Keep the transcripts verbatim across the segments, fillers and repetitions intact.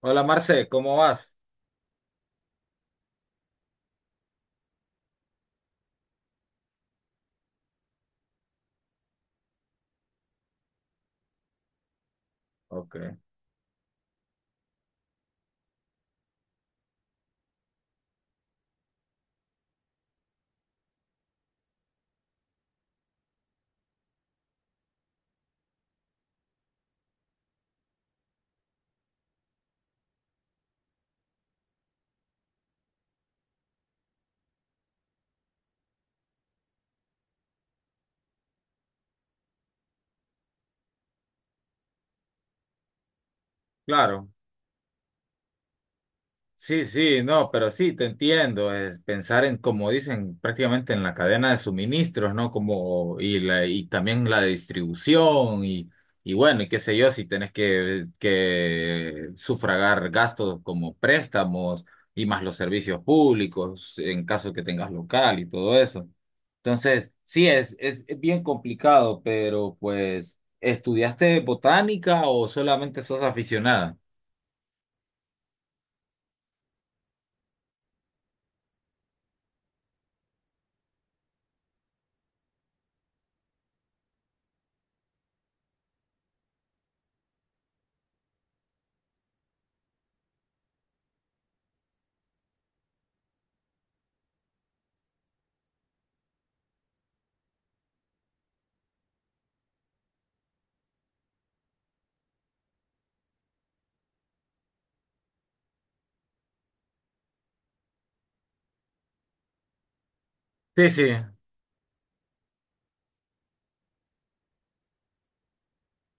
Hola Marce, ¿cómo vas? Ok, claro. Sí, sí, no, pero sí, te entiendo, es pensar en, como dicen, prácticamente en la cadena de suministros, ¿no? Como, y, la, y también la distribución, y, y bueno, y qué sé yo, si tenés que, que sufragar gastos como préstamos y más los servicios públicos, en caso que tengas local y todo eso. Entonces, sí, es, es bien complicado, pero pues, ¿estudiaste botánica o solamente sos aficionada? Sí, sí.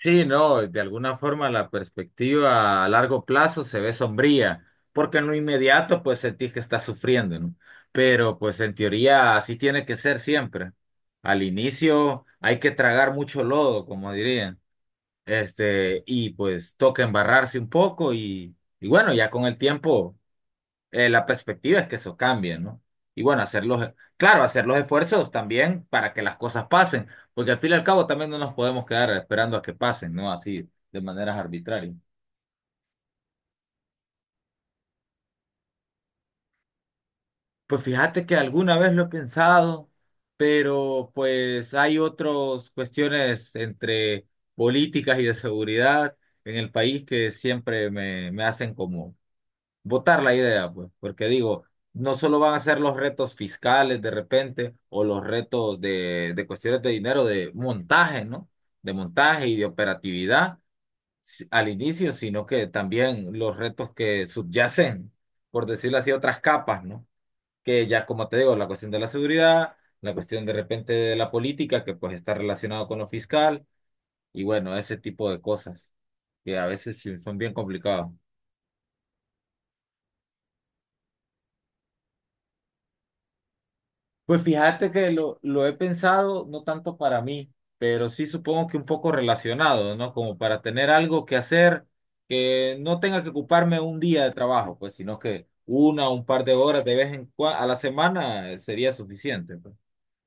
Sí, no, de alguna forma la perspectiva a largo plazo se ve sombría, porque en lo inmediato pues sentís que estás sufriendo, ¿no? Pero pues en teoría así tiene que ser siempre. Al inicio hay que tragar mucho lodo, como dirían, este, y pues toca embarrarse un poco y, y bueno, ya con el tiempo eh, la perspectiva es que eso cambie, ¿no? Y bueno, hacer los, claro, hacer los esfuerzos también para que las cosas pasen, porque al fin y al cabo también no nos podemos quedar esperando a que pasen, ¿no? Así, de maneras arbitrarias. Pues fíjate que alguna vez lo he pensado, pero pues hay otras cuestiones entre políticas y de seguridad en el país que siempre me, me hacen como votar la idea, pues, porque digo, no solo van a ser los retos fiscales de repente o los retos de, de cuestiones de dinero, de montaje, ¿no? De montaje y de operatividad si- al inicio, sino que también los retos que subyacen, por decirlo así, otras capas, ¿no? Que ya, como te digo, la cuestión de la seguridad, la cuestión de repente de la política, que pues está relacionado con lo fiscal, y bueno, ese tipo de cosas que a veces sí son bien complicadas. Pues fíjate que lo, lo he pensado no tanto para mí, pero sí supongo que un poco relacionado, ¿no? Como para tener algo que hacer que no tenga que ocuparme un día de trabajo, pues, sino que una o un par de horas de vez en cuando a la semana eh, sería suficiente, pues.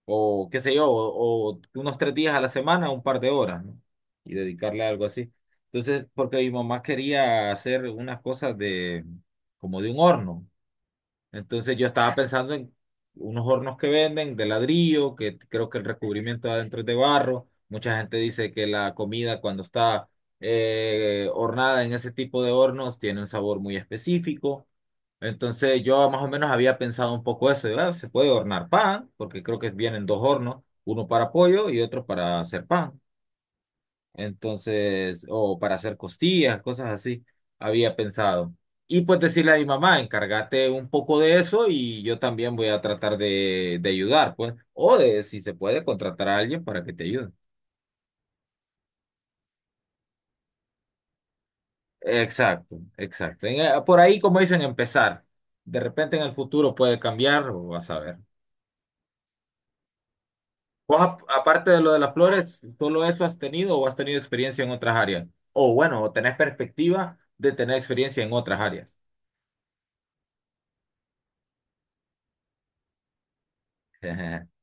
O qué sé yo, o, o unos tres días a la semana, un par de horas, ¿no? Y dedicarle a algo así. Entonces, porque mi mamá quería hacer unas cosas de, como de un horno. Entonces yo estaba pensando en unos hornos que venden de ladrillo, que creo que el recubrimiento de adentro es de barro. Mucha gente dice que la comida cuando está eh, hornada en ese tipo de hornos tiene un sabor muy específico. Entonces yo más o menos había pensado un poco eso, de, "Ah, se puede hornar pan, porque creo que vienen dos hornos, uno para pollo y otro para hacer pan". Entonces, o para hacer costillas, cosas así, había pensado. Y pues decirle a mi mamá, encárgate un poco de eso y yo también voy a tratar de, de ayudar, pues. O de, si se puede, contratar a alguien para que te ayude. Exacto, exacto. En- eh, por ahí, como dicen, empezar. De repente en el futuro puede cambiar, o vas a ver. Vos, ap- aparte de lo de las flores, ¿solo eso has tenido o has tenido experiencia en otras áreas? O bueno, o tenés perspectiva de tener experiencia en otras áreas.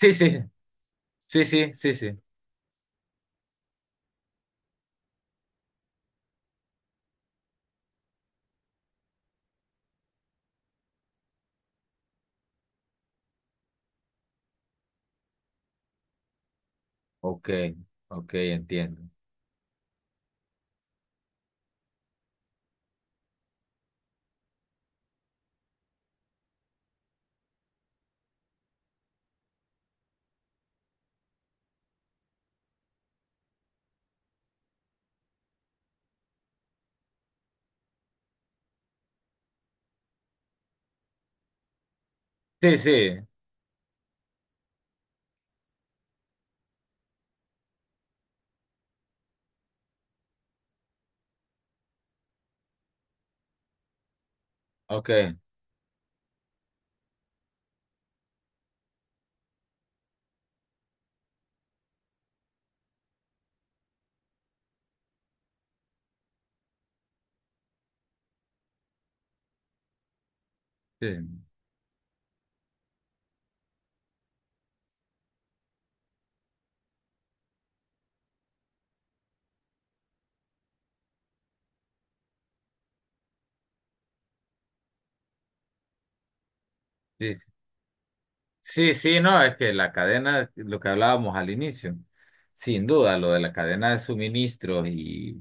Sí, sí. Sí, sí, sí, sí. Ok, ok, entiendo. Sí, sí, ok. Sí, sí, sí, sí, no, es que la cadena, lo que hablábamos al inicio, sin duda, lo de la cadena de suministros y,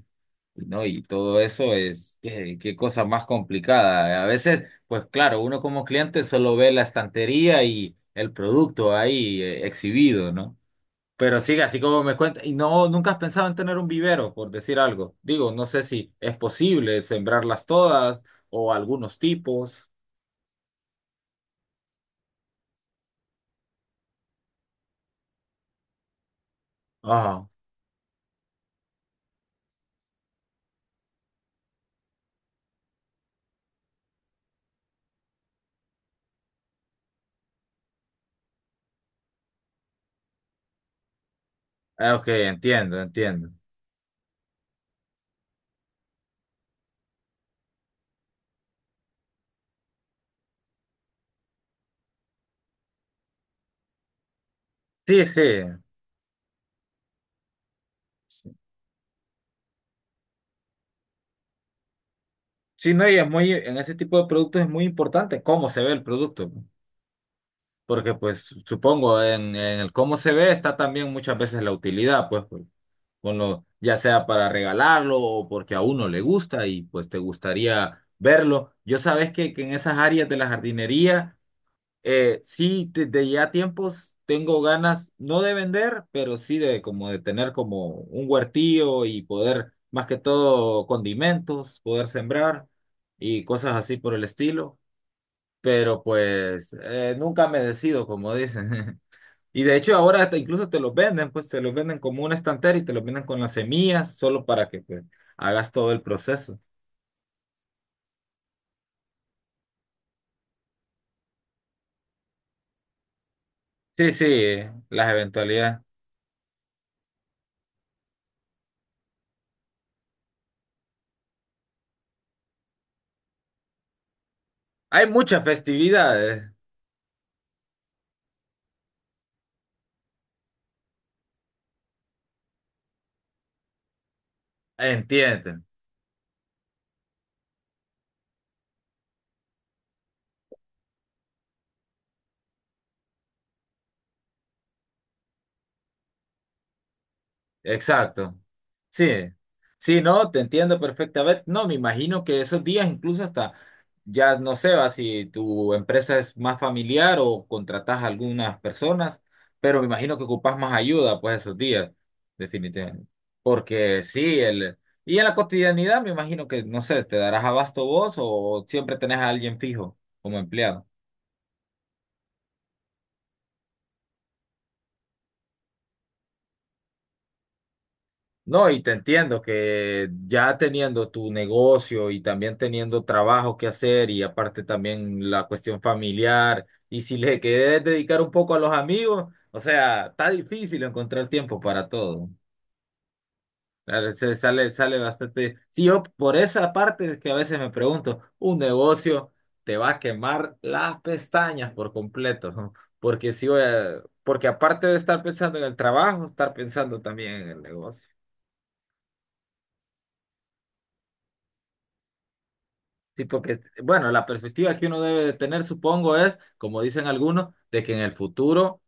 y ¿no? Y todo eso es, qué, qué cosa más complicada. A veces, pues claro, uno como cliente solo ve la estantería y el producto ahí eh, exhibido, ¿no? Pero sí, así como me cuenta, y no, nunca has pensado en tener un vivero, por decir algo. Digo, no sé si es posible sembrarlas todas o algunos tipos. Ah, ah, ok, entiendo, entiendo. Sí, sí. Sí, no, y es muy, en ese tipo de productos es muy importante cómo se ve el producto, ¿no? Porque, pues, supongo, en, en el cómo se ve está también muchas veces la utilidad, pues, por- con lo, ya sea para regalarlo o porque a uno le gusta y pues te gustaría verlo. Yo sabes que, que en esas áreas de la jardinería. Eh, sí, desde ya tiempos tengo ganas, no de vender, pero sí de como de tener como un huertillo y poder, más que todo, condimentos, poder sembrar y cosas así por el estilo. Pero pues eh, nunca me decido, como dicen. Y de hecho ahora hasta incluso te los venden, pues te los venden como una estantera y te los venden con las semillas, solo para que pues, hagas todo el proceso. Sí, sí, las eventualidades. Hay muchas festividades, entienden. Exacto. Sí, sí, no, te entiendo perfectamente. No, me imagino que esos días incluso hasta, ya no sé, va, si tu empresa es más familiar o contratas a algunas personas, pero me imagino que ocupas más ayuda pues esos días, definitivamente. Porque sí, el... Y en la cotidianidad me imagino que, no sé, te darás abasto vos o siempre tenés a alguien fijo como empleado. No, y te entiendo que ya teniendo tu negocio y también teniendo trabajo que hacer y aparte también la cuestión familiar y si le querés dedicar un poco a los amigos, o sea, está difícil encontrar tiempo para todo. Claro. Se sale, sale bastante. Sí, yo por esa parte es que a veces me pregunto, un negocio te va a quemar las pestañas por completo, ¿no? porque si voy a- porque aparte de estar pensando en el trabajo, estar pensando también en el negocio. Sí, porque, bueno, la perspectiva que uno debe de tener, supongo, es, como dicen algunos, de que en el futuro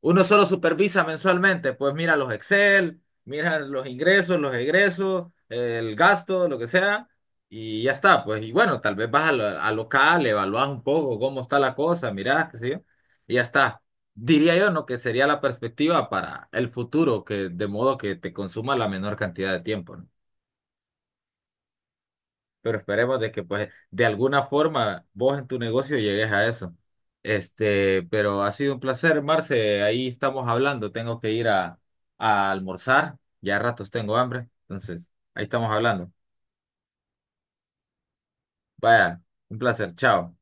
uno solo supervisa mensualmente, pues mira los Excel, mira los ingresos, los egresos, el gasto, lo que sea, y ya está, pues, y bueno, tal vez vas a, lo- a local, evaluás un poco cómo está la cosa, mirás, qué sé yo, y ya está. Diría yo, ¿no? Que sería la perspectiva para el futuro, que de modo que te consuma la menor cantidad de tiempo, ¿no? Pero esperemos de que pues de alguna forma vos en tu negocio llegues a eso. Este, pero ha sido un placer, Marce, ahí estamos hablando, tengo que ir a, a almorzar, ya a ratos tengo hambre, entonces ahí estamos hablando. Vaya, un placer, chao.